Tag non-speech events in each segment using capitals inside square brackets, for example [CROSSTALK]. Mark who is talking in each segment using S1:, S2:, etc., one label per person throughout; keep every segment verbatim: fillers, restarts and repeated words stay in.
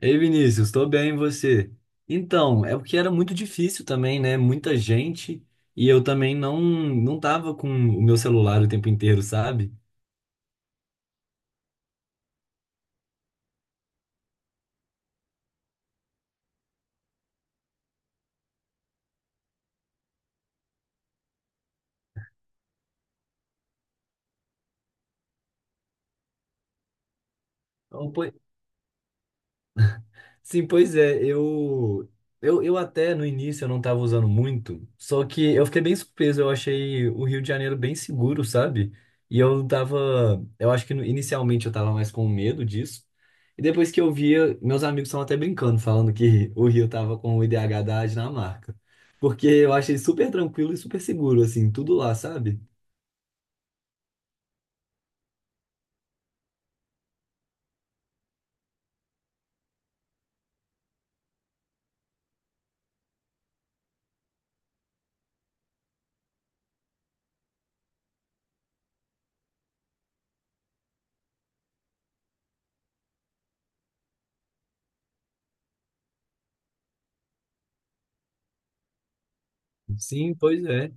S1: Ei, Vinícius, estou bem, e você? Então, é porque era muito difícil também, né? Muita gente e eu também não não tava com o meu celular o tempo inteiro, sabe? Então, po- Sim, pois é, eu, eu, eu até no início eu não tava usando muito, só que eu fiquei bem surpreso, eu achei o Rio de Janeiro bem seguro, sabe? E eu tava, eu acho que no- inicialmente eu tava mais com medo disso, e depois que eu via, meus amigos estavam até brincando, falando que [LAUGHS] o Rio tava com o I D H da Dinamarca, porque eu achei super tranquilo e super seguro, assim, tudo lá, sabe? Sim, pois é.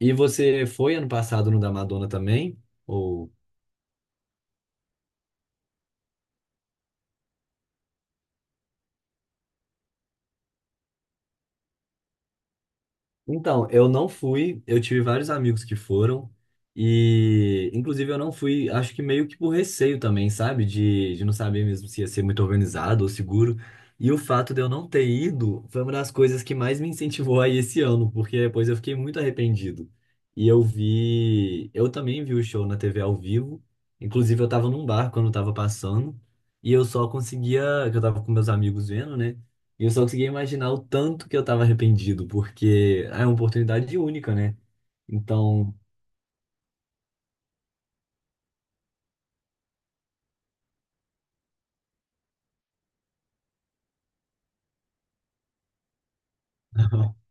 S1: E você foi ano passado no da Madonna também? Ou... Então, eu não fui, eu tive vários amigos que foram, e inclusive eu não fui, acho que meio que por receio também, sabe? De, de não saber mesmo se ia ser muito organizado ou seguro. E o fato de eu não ter ido foi uma das coisas que mais me incentivou a ir esse ano, porque depois eu fiquei muito arrependido. E eu vi, eu também vi o show na T V ao vivo, inclusive eu tava num bar quando tava passando, e eu só conseguia, que eu tava com meus amigos vendo, né? E eu só conseguia imaginar o tanto que eu tava arrependido, porque é uma oportunidade única, né? Então, [LAUGHS]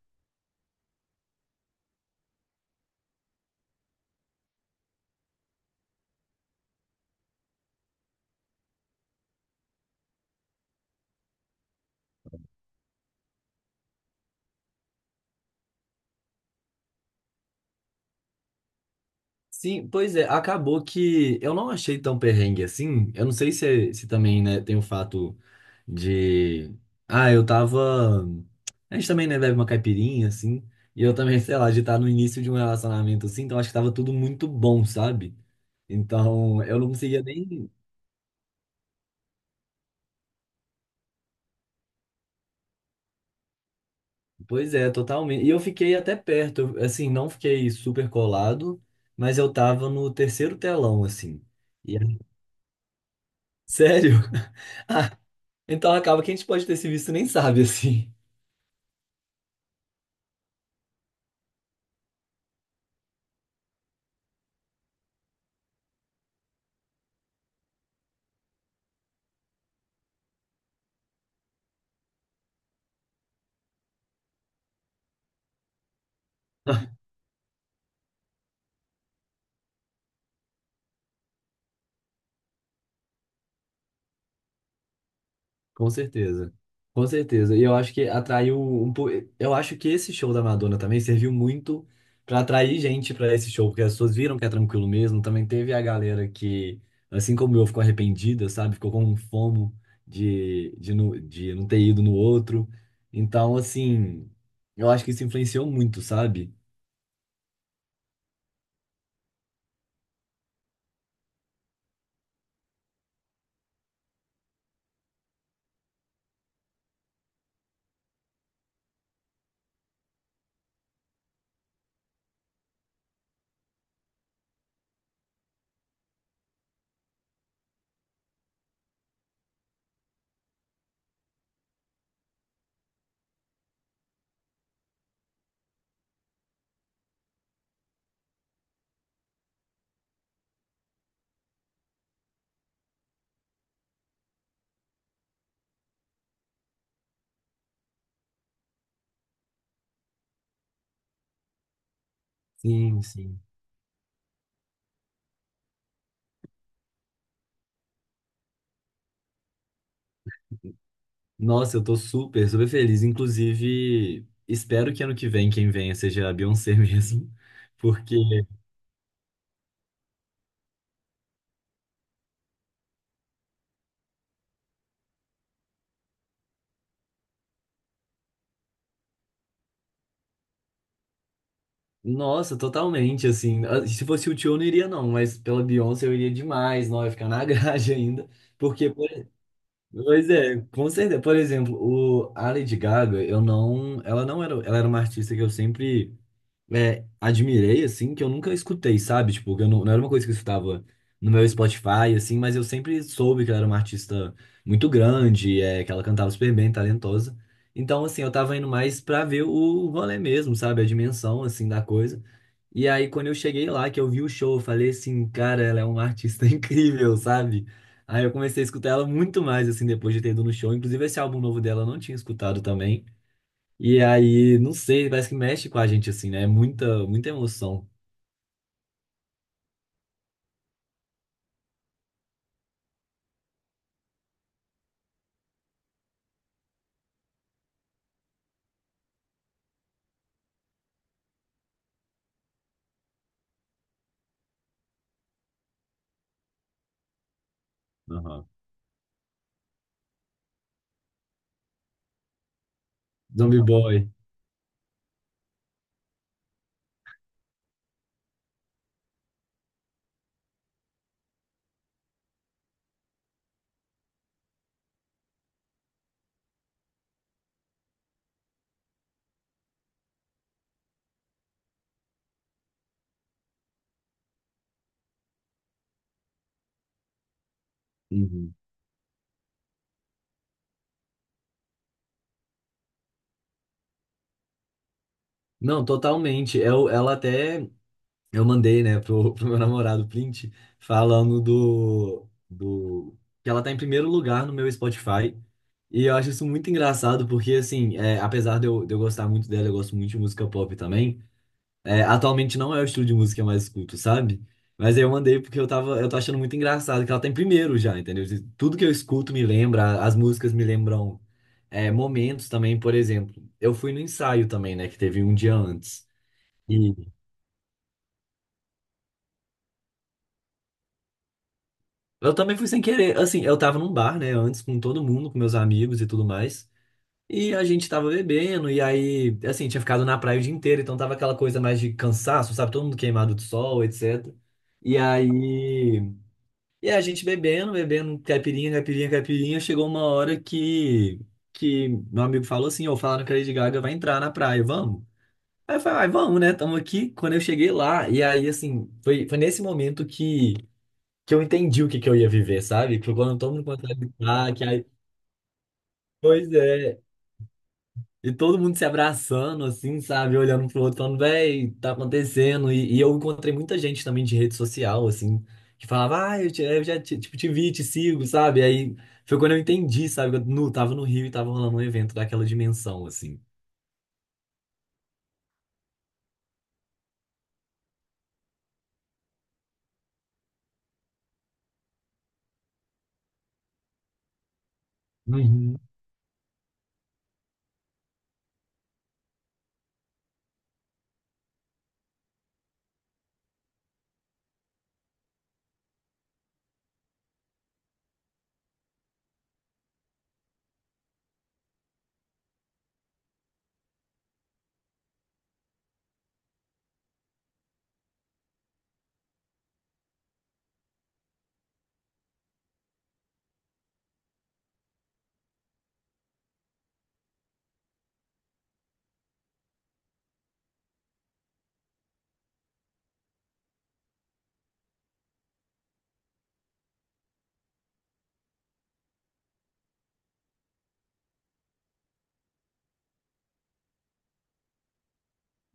S1: sim, pois é, acabou que eu não achei tão perrengue assim. Eu não sei se, é, se também, né, tem o fato de. Ah, eu tava. A gente também, né, bebe uma caipirinha, assim. E eu também, [LAUGHS] sei lá, de estar no início de um relacionamento assim, então acho que tava tudo muito bom, sabe? Então, eu não conseguia nem. Pois é, totalmente. E eu fiquei até perto, eu, assim, não fiquei super colado, mas eu tava no terceiro telão, assim. E, sério? [LAUGHS] Ah, então acaba que a gente pode ter se visto e nem sabe, assim. Com certeza. Com certeza. E eu acho que atraiu um pouco. Eu acho que esse show da Madonna também serviu muito pra atrair gente pra esse show, porque as pessoas viram que é tranquilo mesmo. Também teve a galera que, assim como eu, ficou arrependida, sabe? Ficou com um fomo de, de, não- de não ter ido no outro. Então, assim, eu acho que isso influenciou muito, sabe? Sim, sim. Nossa, eu tô super, super feliz. Inclusive, espero que ano que vem quem venha seja a Beyoncé [LAUGHS] mesmo. Porque nossa, totalmente, assim. Ah, se fosse o Tio, eu não iria, não, mas pela Beyoncé eu iria demais, não, eu ia ficar na grade [LAUGHS] ainda. Porque, por- pois é, com certeza. Por exemplo, o, a Lady Gaga, eu não. Ela não era. Ela era uma artista que eu sempre é, admirei, assim, que eu nunca escutei, sabe? Tipo, eu não, não era uma coisa que eu escutava no meu Spotify, assim, mas eu sempre soube que ela era uma artista muito grande, é, que ela cantava super bem, talentosa. Então, assim, eu tava indo mais pra ver o rolê mesmo, sabe? A dimensão, assim, da coisa. E aí, quando eu cheguei lá, que eu vi o show, eu falei assim, cara, ela é uma artista [LAUGHS] incrível, sabe? Aí eu comecei a escutar ela muito mais, assim, depois de ter ido no show. Inclusive, esse álbum novo dela eu não tinha escutado também. E aí, não sei, parece que mexe com a gente, assim, né? É muita, muita emoção. Aham. Zombie Boy. Uhum. Não, totalmente. Eu, ela até. Eu mandei, né, pro, [LAUGHS] pro meu namorado o print, falando do, do. Que ela tá em primeiro lugar no meu Spotify. E eu acho isso muito engraçado, porque, assim, é, apesar de eu, de eu gostar muito dela, eu gosto muito de música pop também. É, atualmente não é o estilo de música que eu mais escuto, sabe? Mas aí eu mandei porque eu tava, eu tô achando muito engraçado que ela tá em primeiro já, entendeu? Tudo que eu escuto me lembra, as músicas me lembram é, momentos também, por exemplo. Eu fui no ensaio também, né, que teve um dia antes. E eu também fui sem querer, assim, eu tava num bar, né, antes com todo mundo, com meus amigos e tudo mais. E a gente tava bebendo, e aí, assim, tinha ficado na praia o dia inteiro, então tava aquela coisa mais de cansaço, sabe? Todo mundo queimado de sol, etcétera. E aí e a gente bebendo, bebendo caipirinha, caipirinha, caipirinha, chegou uma hora que, que meu amigo falou assim, ó, falaram que a Lady Gaga vai entrar na praia, vamos? Aí eu falei, ai, vamos, né? Tamo aqui. Quando eu cheguei lá, e aí, assim, foi, foi nesse momento que, que eu entendi o que, que eu ia viver, sabe? Que foi quando todo mundo começou a gritar, que aí, pois é, e todo mundo se abraçando, assim, sabe? Olhando um pro outro, falando, véi, tá acontecendo. E, e eu encontrei muita gente também de rede social, assim, que falava, ah, eu, te- eu já te, tipo, te vi, te sigo, sabe? Aí foi quando eu entendi, sabe? Que eu no, tava no Rio e tava rolando um evento daquela dimensão, assim.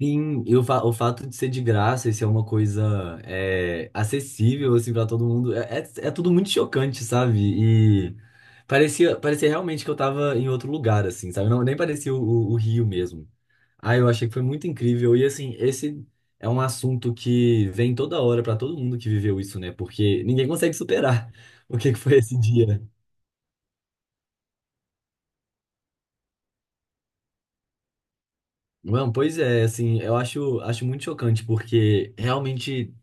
S1: Sim, e o, fa- o fato de ser de graça e ser uma coisa é, acessível assim para todo mundo é, é, é tudo muito chocante, sabe? E parecia parecia realmente que eu tava em outro lugar assim, sabe? Não, nem parecia o, o- o Rio mesmo. Ah, eu achei que foi muito incrível e assim, esse é um assunto que vem toda hora para todo mundo que viveu isso, né? Porque ninguém consegue superar [LAUGHS] o que que foi esse dia. Mano, pois é, assim, eu acho, acho muito chocante, porque realmente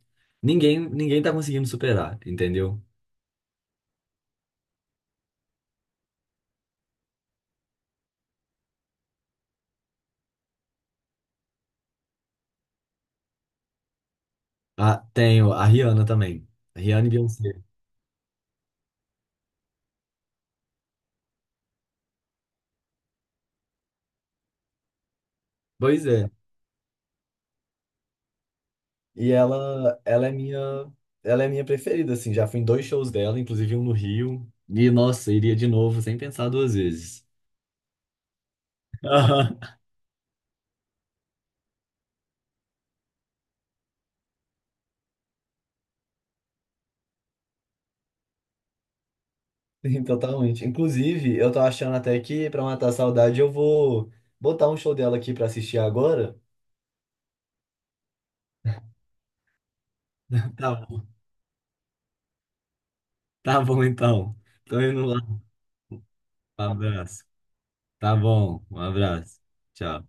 S1: ninguém, ninguém tá conseguindo superar, entendeu? Ah, tenho a Rihanna também. Rihanna e Beyoncé. Pois é. E ela, ela é minha, ela é minha preferida, assim, já fui em dois shows dela, inclusive um no Rio. E, nossa, iria de novo sem pensar duas vezes. [LAUGHS] Aham. Sim, totalmente. Inclusive, eu tô achando até que, pra matar a saudade, eu vou botar um show dela aqui pra assistir agora. Tá bom. Tá bom, então. Tô indo lá. Um abraço. Tá bom, um abraço. Tchau.